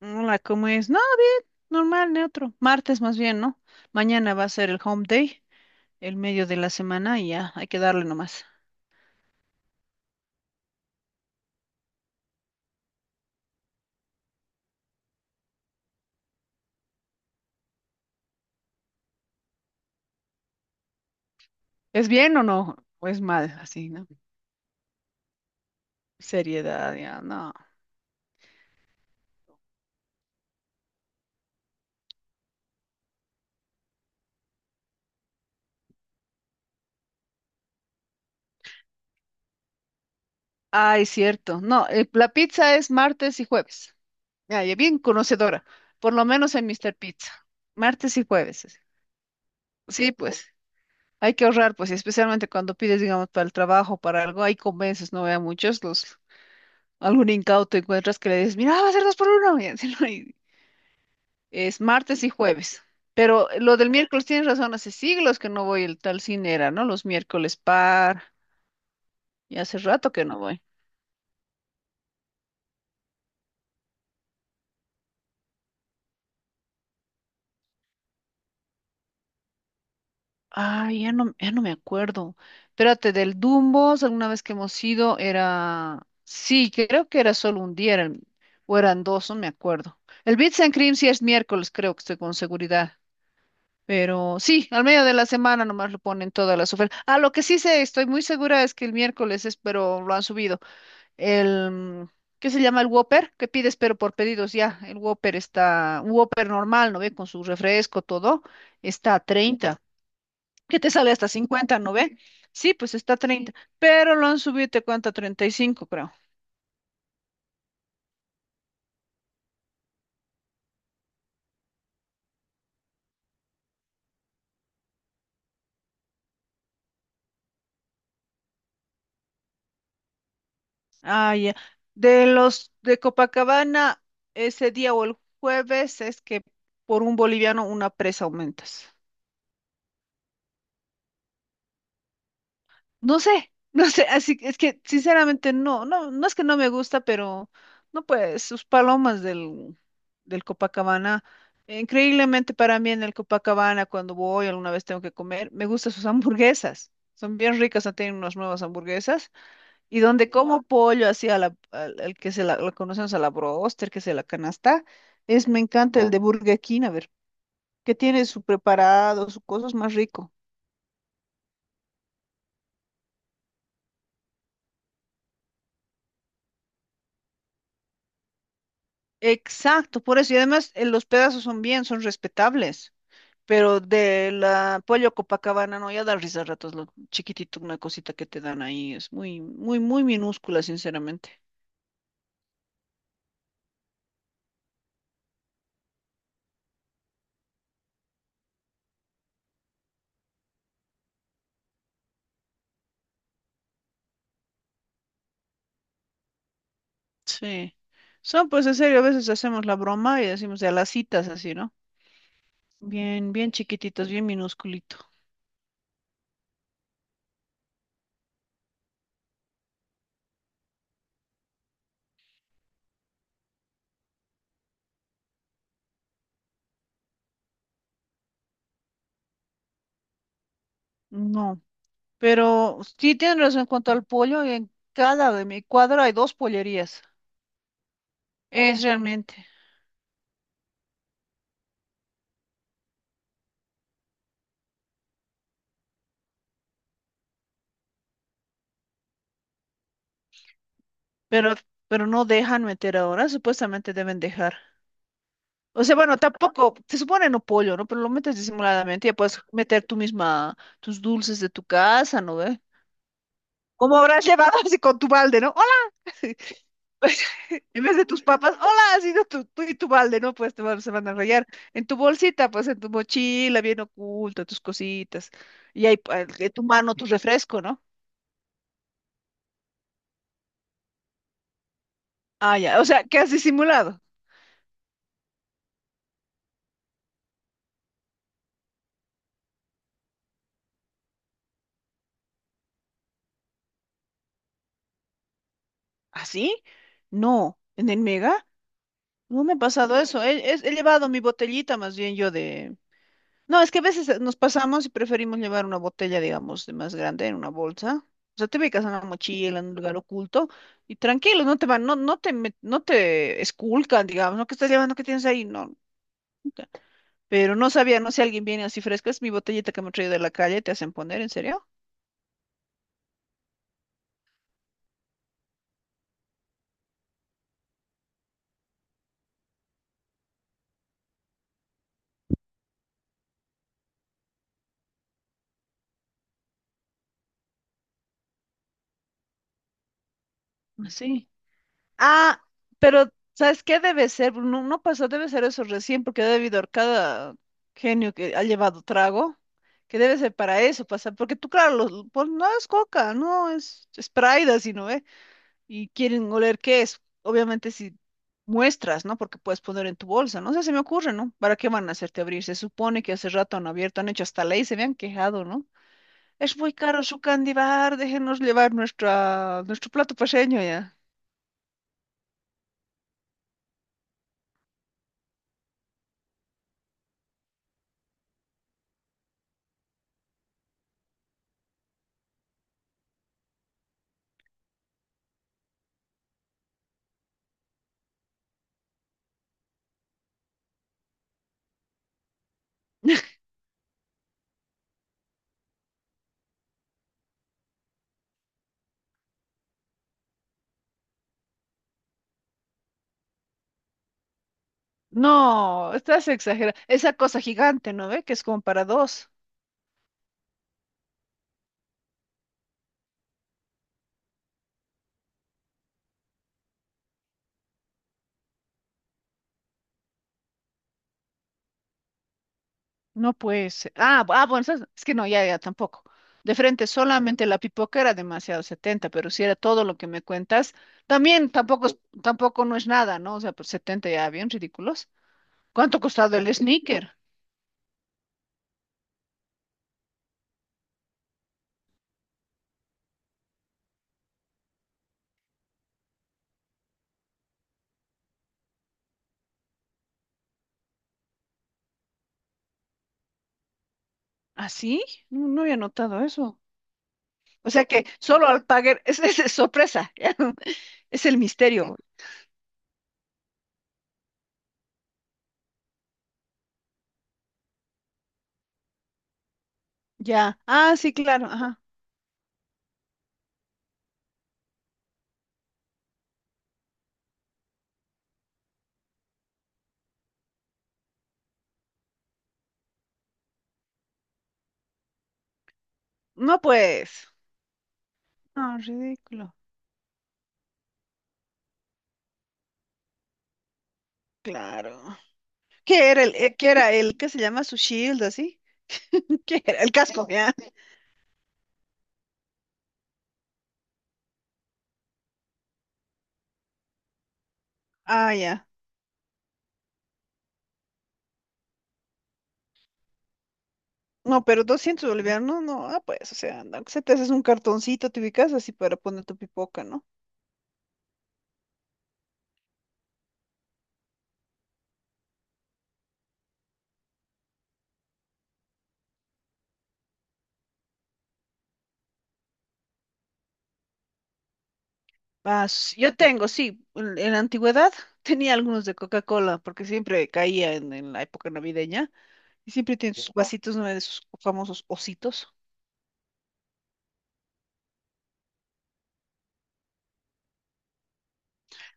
Hola, ¿cómo es? No, normal, neutro. Martes más bien, ¿no? Mañana va a ser el home day, el medio de la semana y ya, hay que darle nomás. ¿Es bien o no? ¿O es mal? Así, ¿no? Seriedad, ya, no. Ay, cierto. No, la pizza es martes y jueves. Ya, ya bien conocedora, por lo menos en Mr. Pizza. Martes y jueves. Es. Sí, pues, hay que ahorrar, pues, y especialmente cuando pides, digamos, para el trabajo, para algo, ahí convences, no vea muchos los... Algún incauto encuentras que le dices, mira, va a ser dos por uno. Y así, ¿no? Y es martes y jueves. Pero lo del miércoles tienes razón, hace siglos que no voy el tal cine era, ¿no? Los miércoles par. Y hace rato que no voy. Ay, ya no, ya no me acuerdo. Espérate, del Dumbos, alguna vez que hemos ido, era. Sí, creo que era solo un día, o eran dos, no me acuerdo. El Bits and Cream sí es miércoles, creo que estoy con seguridad. Pero sí, al medio de la semana nomás lo ponen todas las ofertas. Ah, lo que sí sé, estoy muy segura es que el miércoles es, pero lo han subido. El, ¿qué se llama? El Whopper, que pides pero por pedidos ya. El Whopper está, un Whopper normal, ¿no ve? Con su refresco, todo, está a 30. ¿Qué te sale hasta 50 no ve? Sí, pues está a 30, pero lo han subido, te cuenta 35 creo. Ah, ya. De los de Copacabana, ese día o el jueves es que por un boliviano una presa aumentas. No sé, no sé, así que es que sinceramente no es que no me gusta, pero no pues, sus palomas del Copacabana, increíblemente para mí en el Copacabana cuando voy alguna vez tengo que comer, me gustan sus hamburguesas, son bien ricas, han tenido unas nuevas hamburguesas, y donde como pollo así al que se la, lo conocemos a la broster, que se la canasta, es, me encanta el de Burger King, a ver, que tiene su preparado, su cosas más rico. Exacto, por eso. Y además los pedazos son bien, son respetables. Pero de la Pollo Copacabana, no, ya da risa a ratos lo chiquitito, una cosita que te dan ahí. Es muy, muy, muy minúscula, sinceramente. Sí. Son, pues, en serio, a veces hacemos la broma y decimos de a las citas así, ¿no? Bien, bien chiquititos, bien minúsculito. No, pero sí tienen razón en cuanto al pollo. En cada de mi cuadro hay dos pollerías. Es realmente. Pero, pero no dejan meter ahora, supuestamente deben dejar. O sea, bueno, tampoco, se supone no pollo, ¿no? Pero lo metes disimuladamente, ya puedes meter tú misma tus dulces de tu casa, ¿no ve? ¿Cómo habrás llevado así con tu balde, ¿no? ¡Hola! Pues, en vez de tus papas, hola, ha sido tú y tu balde, ¿no? Pues te van, se van a rayar. En tu bolsita, pues en tu mochila, bien oculta, tus cositas. Y ahí pa- de tu mano tu refresco, ¿no? Ah, ya. O sea, ¿qué has disimulado? ¿Así? No. ¿En el mega? No me ha pasado eso. He llevado mi botellita más bien yo de, no, es que a veces nos pasamos y preferimos llevar una botella, digamos, de más grande en una bolsa. O sea, te ubicas en una mochila, en un lugar oculto y tranquilo, no te, met- no te esculcan, digamos, ¿no? ¿Qué estás llevando? ¿Qué tienes ahí? No, nunca. Pero no sabía, no sé, alguien viene así fresco, es mi botellita que me he traído de la calle, te hacen poner, ¿en serio? Ah, sí. Ah, pero ¿sabes qué debe ser? No, no pasó, debe ser eso recién, porque debe haber cada genio que ha llevado trago, que debe ser para eso pasar, porque tú, claro, los- pues, no es coca, no es Sprite, sino, ¿eh? Y quieren oler qué es, obviamente si muestras, ¿no? Porque puedes poner en tu bolsa, no sé, se me ocurre, ¿no? ¿Para qué van a hacerte abrir? Se supone que hace rato han abierto, han hecho hasta ley, se me han quejado, ¿no? Es muy caro su candy bar, déjenos llevar nuestra, nuestro plato paseño ya. No, estás exagerando. Esa cosa gigante, ¿no ve? Que es como para dos. No puede ser. Ah, ah, bueno, ¿sabes? Es que no, ya, ya tampoco. De frente, solamente la pipoca era demasiado 70, pero si era todo lo que me cuentas, también tampoco es, tampoco no es nada, ¿no? O sea, pues 70 ya, bien ridículos. ¿Cuánto ha costado el sneaker? ¿Ah, sí? No, no había notado eso. O sea que solo al pagar, es sorpresa, ya. No, es el misterio. Ya. Ah, sí, claro, ajá. No, pues. Ah, ridículo. Claro. ¿Qué era qué era el que se llama su shield, así? ¿Qué era? El casco, ¿ya? Ah, ya. No, pero 200 bolivianos, no, no, ah, pues, o sea, no, que se te haces un cartoncito, te ubicas así para poner tu pipoca, ¿no? Ah, s- yo tengo, sí, en la antigüedad tenía algunos de Coca-Cola, porque siempre caía en la época navideña, y siempre tienen sus ya vasitos, ¿no? De sus famosos ositos.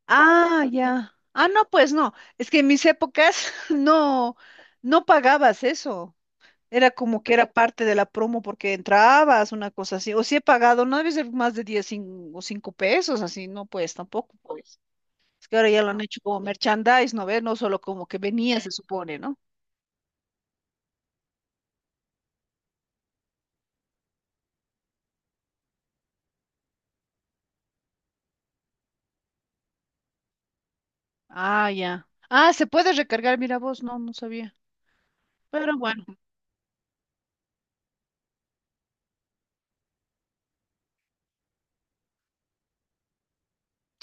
Ah, ya. Ah, no, pues no. Es que en mis épocas no, no pagabas eso. Era como que era parte de la promo porque entrabas, una cosa así. O si he pagado, no debe ser más de 10 o 5 pesos, así, no, pues tampoco. Pues. Es que ahora ya lo han hecho como merchandise, ¿no ves? No solo como que venía, se supone, ¿no? Ah, ya. Ah, se puede recargar, mira vos, no, no sabía. Pero bueno.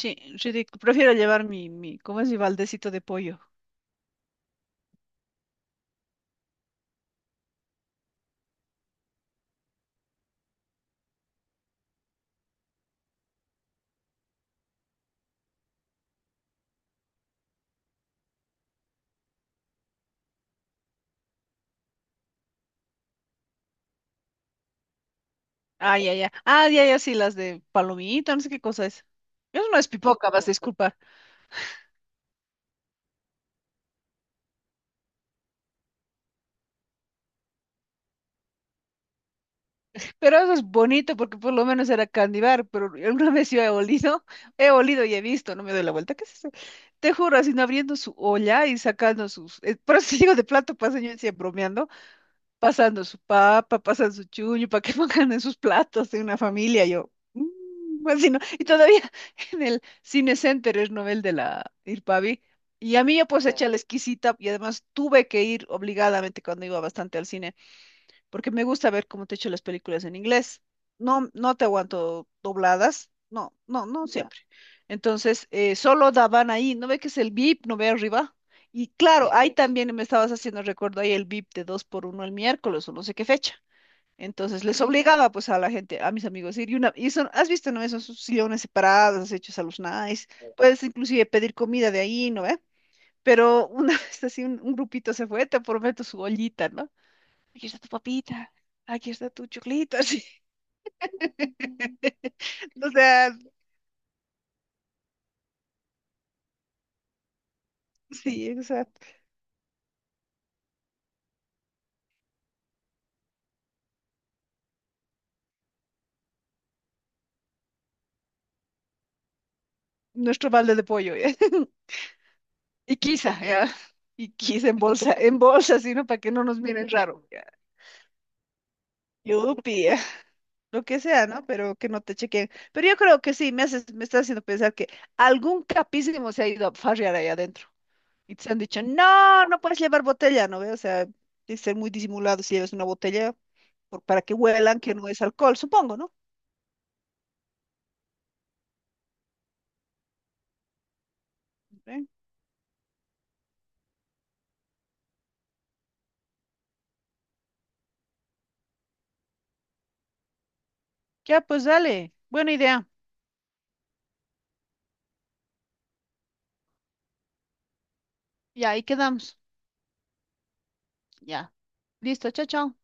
Sí, ridic- prefiero llevar ¿cómo es mi baldecito de pollo? Ah, ya, ya. Ah, ya, ya, sí, las de palomita, no sé qué cosa es. Eso no es pipoca, vas a disculpar. Pero eso es bonito porque por lo menos era candibar, pero alguna vez yo he olido y he visto, no me doy la vuelta, ¿qué es eso? Te juro, así no abriendo su olla y sacando sus, por eso digo de plato paseño, decía bromeando, pasando su papa, pasando su chuño, para que pongan en sus platos de una familia, yo, "Mm", así no, y todavía en el Cine Center es novel de la Irpavi, y a mí yo pues eché la exquisita, y además tuve que ir obligadamente cuando iba bastante al cine porque me gusta ver, como te he dicho, las películas en inglés. No, no te aguanto dobladas, no, no, no ya. Siempre. Entonces, solo daban ahí, ¿no ve que es el VIP? ¿No ve arriba? Y claro, ahí también me estabas haciendo recuerdo ahí el VIP de 2 por uno el miércoles o no sé qué fecha. Entonces les obligaba pues a la gente, a mis amigos, ir y una, y son, has visto, ¿no? Esos sillones separados, hechos a los nice, puedes inclusive pedir comida de ahí, ¿no ve? Pero una vez así un grupito se fue, te prometo su ollita, ¿no? Aquí está tu papita, aquí está tu choclito, así. O sea, sí, exacto. Nuestro balde de pollo, ¿ya? Y quizá, ¿ya? Y quizá en bolsa, en bolsa, sino para que no nos miren raro, ¿ya? Yupi, ya. Lo que sea, ¿no? Pero que no te chequen. Pero yo creo que sí, me haces, me estás haciendo pensar que algún capísimo se ha ido a farrear ahí adentro. Y te han dicho, no, no puedes llevar botella, ¿no? Ve? O sea, de ser muy disimulado si llevas una botella por- para que huelan que no es alcohol, supongo, ¿no? ¿Ve? Ya, pues dale. Buena idea. Y ahí quedamos. Ya. Listo, chao, chao.